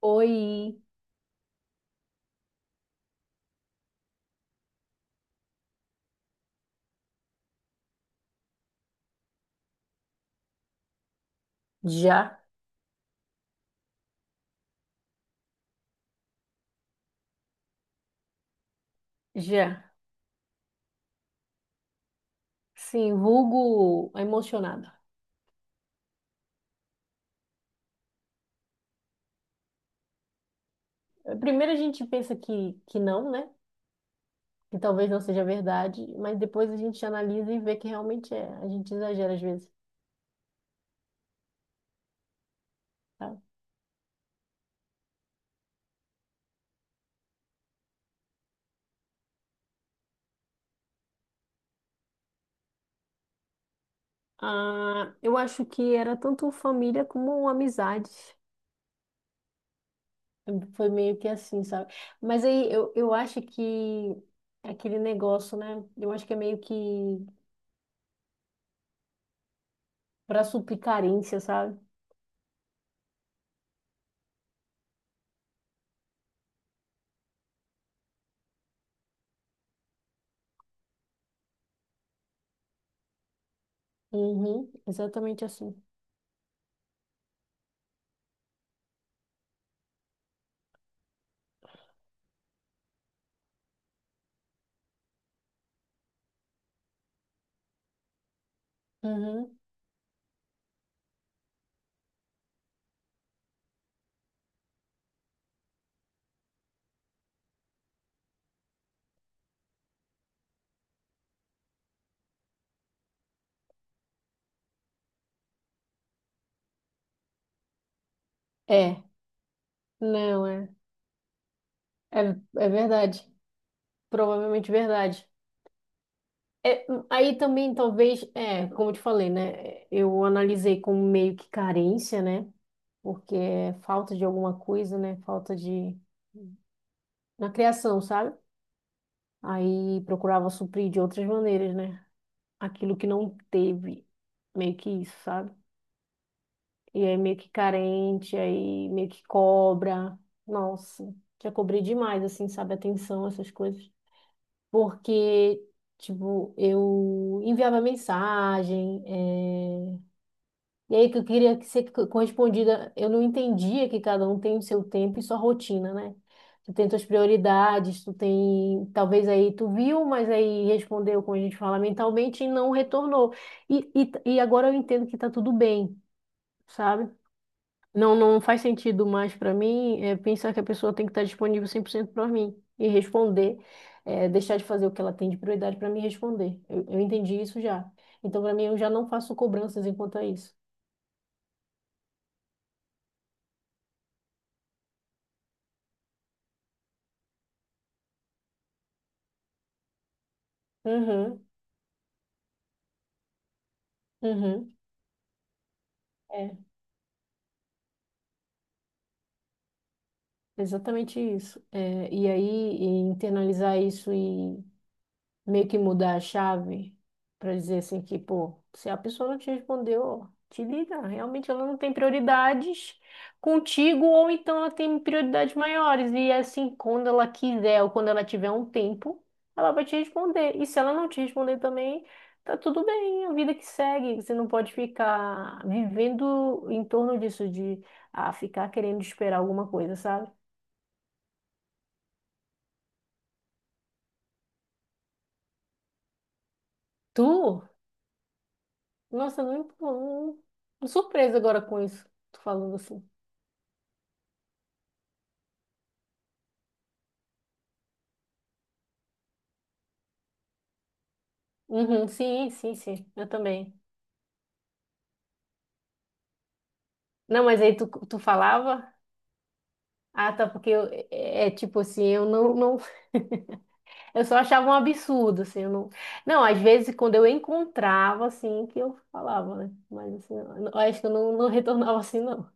Oi, já, já. Sim, vulgo emocionada. Primeiro a gente pensa que não, né? Que talvez não seja verdade, mas depois a gente analisa e vê que realmente é. A gente exagera às vezes, tá? Ah, eu acho que era tanto família como amizade. Foi meio que assim, sabe? Mas aí eu acho que é aquele negócio, né? Eu acho que é meio que pra suplir carência, sabe? Uhum, exatamente assim. Uhum. É. Não, é. É, é verdade. Provavelmente verdade. É, aí também, talvez, é, como eu te falei, né? Eu analisei como meio que carência, né? Porque é falta de alguma coisa, né? Falta de. Na criação, sabe? Aí procurava suprir de outras maneiras, né? Aquilo que não teve. Meio que isso, sabe? E aí meio que carente, aí meio que cobra. Nossa, já cobrei demais, assim, sabe? Atenção, essas coisas. Porque, tipo, eu enviava mensagem, e aí que eu queria que ser correspondida, eu não entendia que cada um tem o seu tempo e sua rotina, né? Tu tem tuas prioridades, tu tem, talvez aí tu viu, mas aí respondeu, como a gente fala, mentalmente e não retornou. E, e agora eu entendo que tá tudo bem, sabe? Não, não faz sentido mais para mim é, pensar que a pessoa tem que estar disponível 100% para mim e responder, é, deixar de fazer o que ela tem de prioridade para me responder. Eu entendi isso já. Então, para mim, eu já não faço cobranças enquanto a isso. Uhum, uhum, é exatamente isso. É, e aí, e internalizar isso e meio que mudar a chave para dizer assim que, pô, se a pessoa não te respondeu, te liga, realmente ela não tem prioridades contigo ou então ela tem prioridades maiores e é assim, quando ela quiser ou quando ela tiver um tempo, ela vai te responder. E se ela não te responder também, tá tudo bem, a vida que segue, você não pode ficar vivendo em torno disso de ah, ficar querendo esperar alguma coisa, sabe? Tu? Nossa, não, não, surpresa agora com isso, tu falando assim. Uhum, sim, sim, sim, eu também. Não, mas aí tu falava? Ah, tá, porque eu, é tipo assim, eu não, eu só achava um absurdo, assim, eu não, não, às vezes quando eu encontrava, assim, que eu falava, né, mas assim, eu acho que eu não retornava assim, não.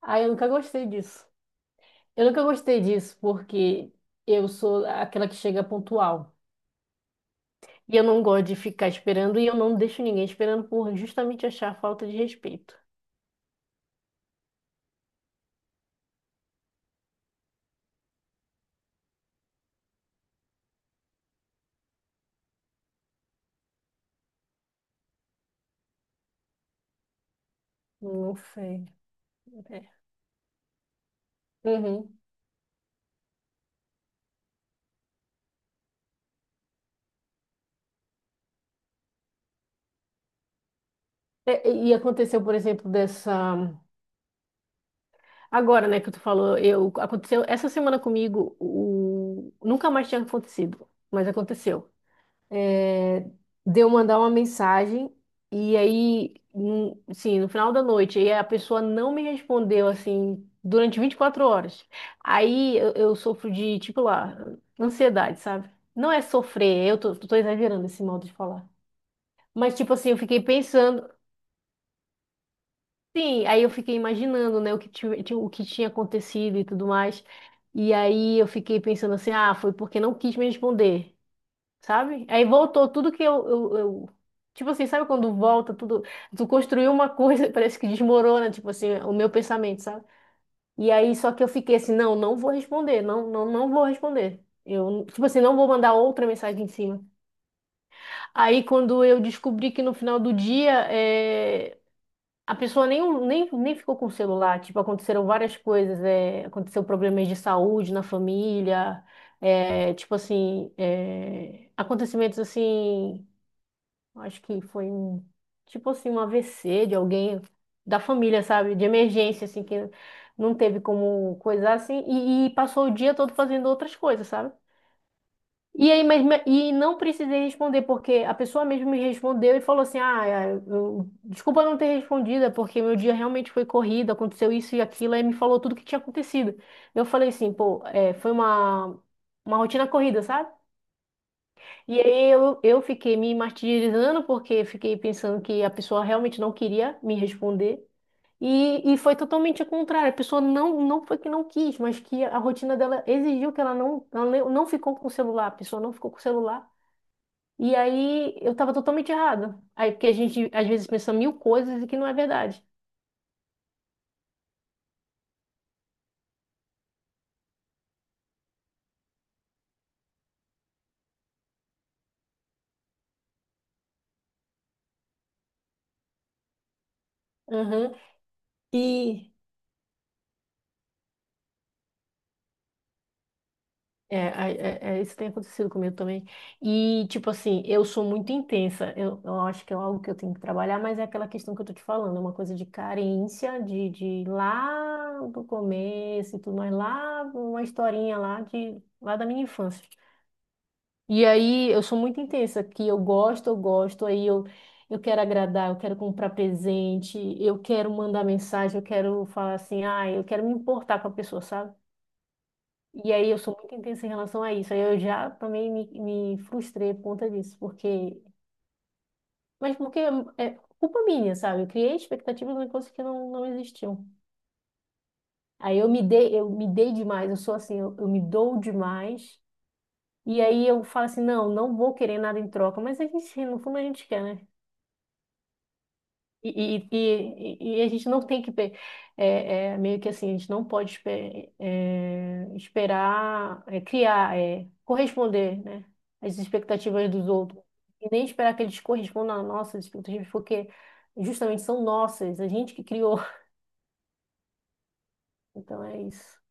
Ah, eu nunca gostei disso. Eu nunca gostei disso, porque eu sou aquela que chega pontual. E eu não gosto de ficar esperando e eu não deixo ninguém esperando por justamente achar falta de respeito. Não sei. É. Uhum. E aconteceu, por exemplo, dessa. Agora, né, que tu falou, eu aconteceu essa semana comigo, o... nunca mais tinha acontecido, mas aconteceu. De eu mandar uma mensagem e aí, sim, no final da noite, e a pessoa não me respondeu assim durante 24 horas. Aí eu sofro de, tipo lá, ansiedade, sabe? Não é sofrer, eu tô exagerando esse modo de falar. Mas tipo assim, eu fiquei pensando, sim, aí eu fiquei imaginando, né, o que tinha acontecido e tudo mais. E aí eu fiquei pensando assim, ah, foi porque não quis me responder. Sabe? Aí voltou tudo que tipo assim, sabe quando volta tudo? Tu construiu uma coisa, parece que desmorona, tipo assim, o meu pensamento, sabe? E aí, só que eu fiquei assim, não, não vou responder, não vou responder. Eu, tipo assim, não vou mandar outra mensagem em cima. Aí, quando eu descobri que no final do dia, é, a pessoa nem ficou com o celular, tipo, aconteceram várias coisas, é, aconteceu problemas de saúde na família, é, tipo assim, é, acontecimentos assim. Acho que foi um, tipo assim, um AVC de alguém da família, sabe? De emergência, assim, que não teve como coisar, assim, e passou o dia todo fazendo outras coisas, sabe? E aí, e não precisei responder, porque a pessoa mesmo me respondeu e falou assim: Ah, é, desculpa não ter respondido, é porque meu dia realmente foi corrido, aconteceu isso e aquilo, aí me falou tudo o que tinha acontecido. Eu falei assim, pô, é, foi uma rotina corrida, sabe? E aí eu fiquei me martirizando porque fiquei pensando que a pessoa realmente não queria me responder. E foi totalmente o contrário. A pessoa não foi que não quis, mas que a rotina dela exigiu que ela não, ela não ficou com o celular. A pessoa não ficou com o celular. E aí eu estava totalmente errada. Aí porque a gente às vezes pensa mil coisas e que não é verdade. Uhum. E isso tem acontecido comigo também. E, tipo assim, eu sou muito intensa. Eu acho que é algo que eu tenho que trabalhar, mas é aquela questão que eu tô te falando, é uma coisa de carência, de lá do começo e tudo mais, lá, uma historinha lá de lá da minha infância. E aí eu sou muito intensa, que eu gosto, eu gosto, eu quero agradar, eu quero comprar presente, eu quero mandar mensagem, eu quero falar assim, ah, eu quero me importar com a pessoa, sabe? E aí eu sou muito intensa em relação a isso. Aí eu já também me frustrei por conta disso, porque. Mas porque é culpa minha, sabe? Eu criei expectativas em coisas que não existiam. Aí eu me dei demais, eu sou assim, eu me dou demais. E aí eu falo assim, não, não vou querer nada em troca. Mas a gente, no fundo, a gente quer, né? E, e, e a gente não tem que é, é, meio que assim, a gente não pode é, esperar é, criar, é, corresponder, né, às expectativas dos outros. E nem esperar que eles correspondam às nossas expectativas, porque justamente são nossas, a gente que criou. Então é isso.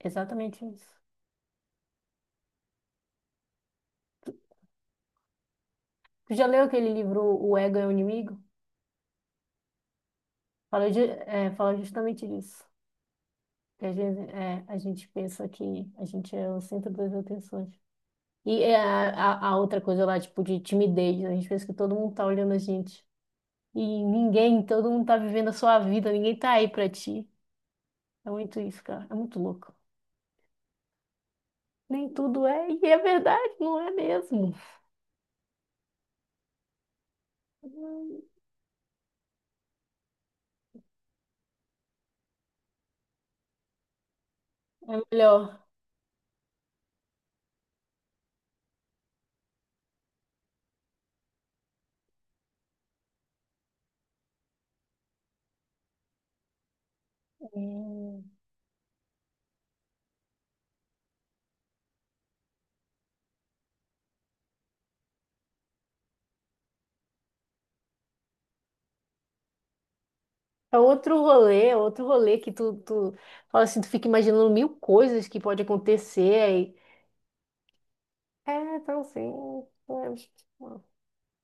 Exatamente isso. Tu já leu aquele livro O Ego é o Inimigo? Fala, de, é, fala justamente disso. Que às vezes é, a gente pensa que a gente é o centro das atenções. E é a outra coisa lá, tipo, de timidez. Né? A gente pensa que todo mundo tá olhando a gente. E ninguém, todo mundo tá vivendo a sua vida, ninguém tá aí pra ti. É muito isso, cara. É muito louco. Nem tudo é, e é verdade, não é mesmo. Hum, É melhor. Hum. É outro rolê que tu fala assim, tu fica imaginando mil coisas que pode acontecer aí. É, então assim,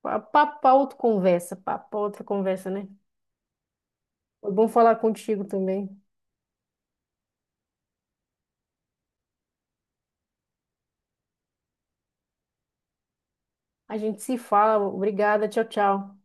é, papo pra outra conversa, né? Foi bom falar contigo também. A gente se fala. Obrigada. Tchau, tchau.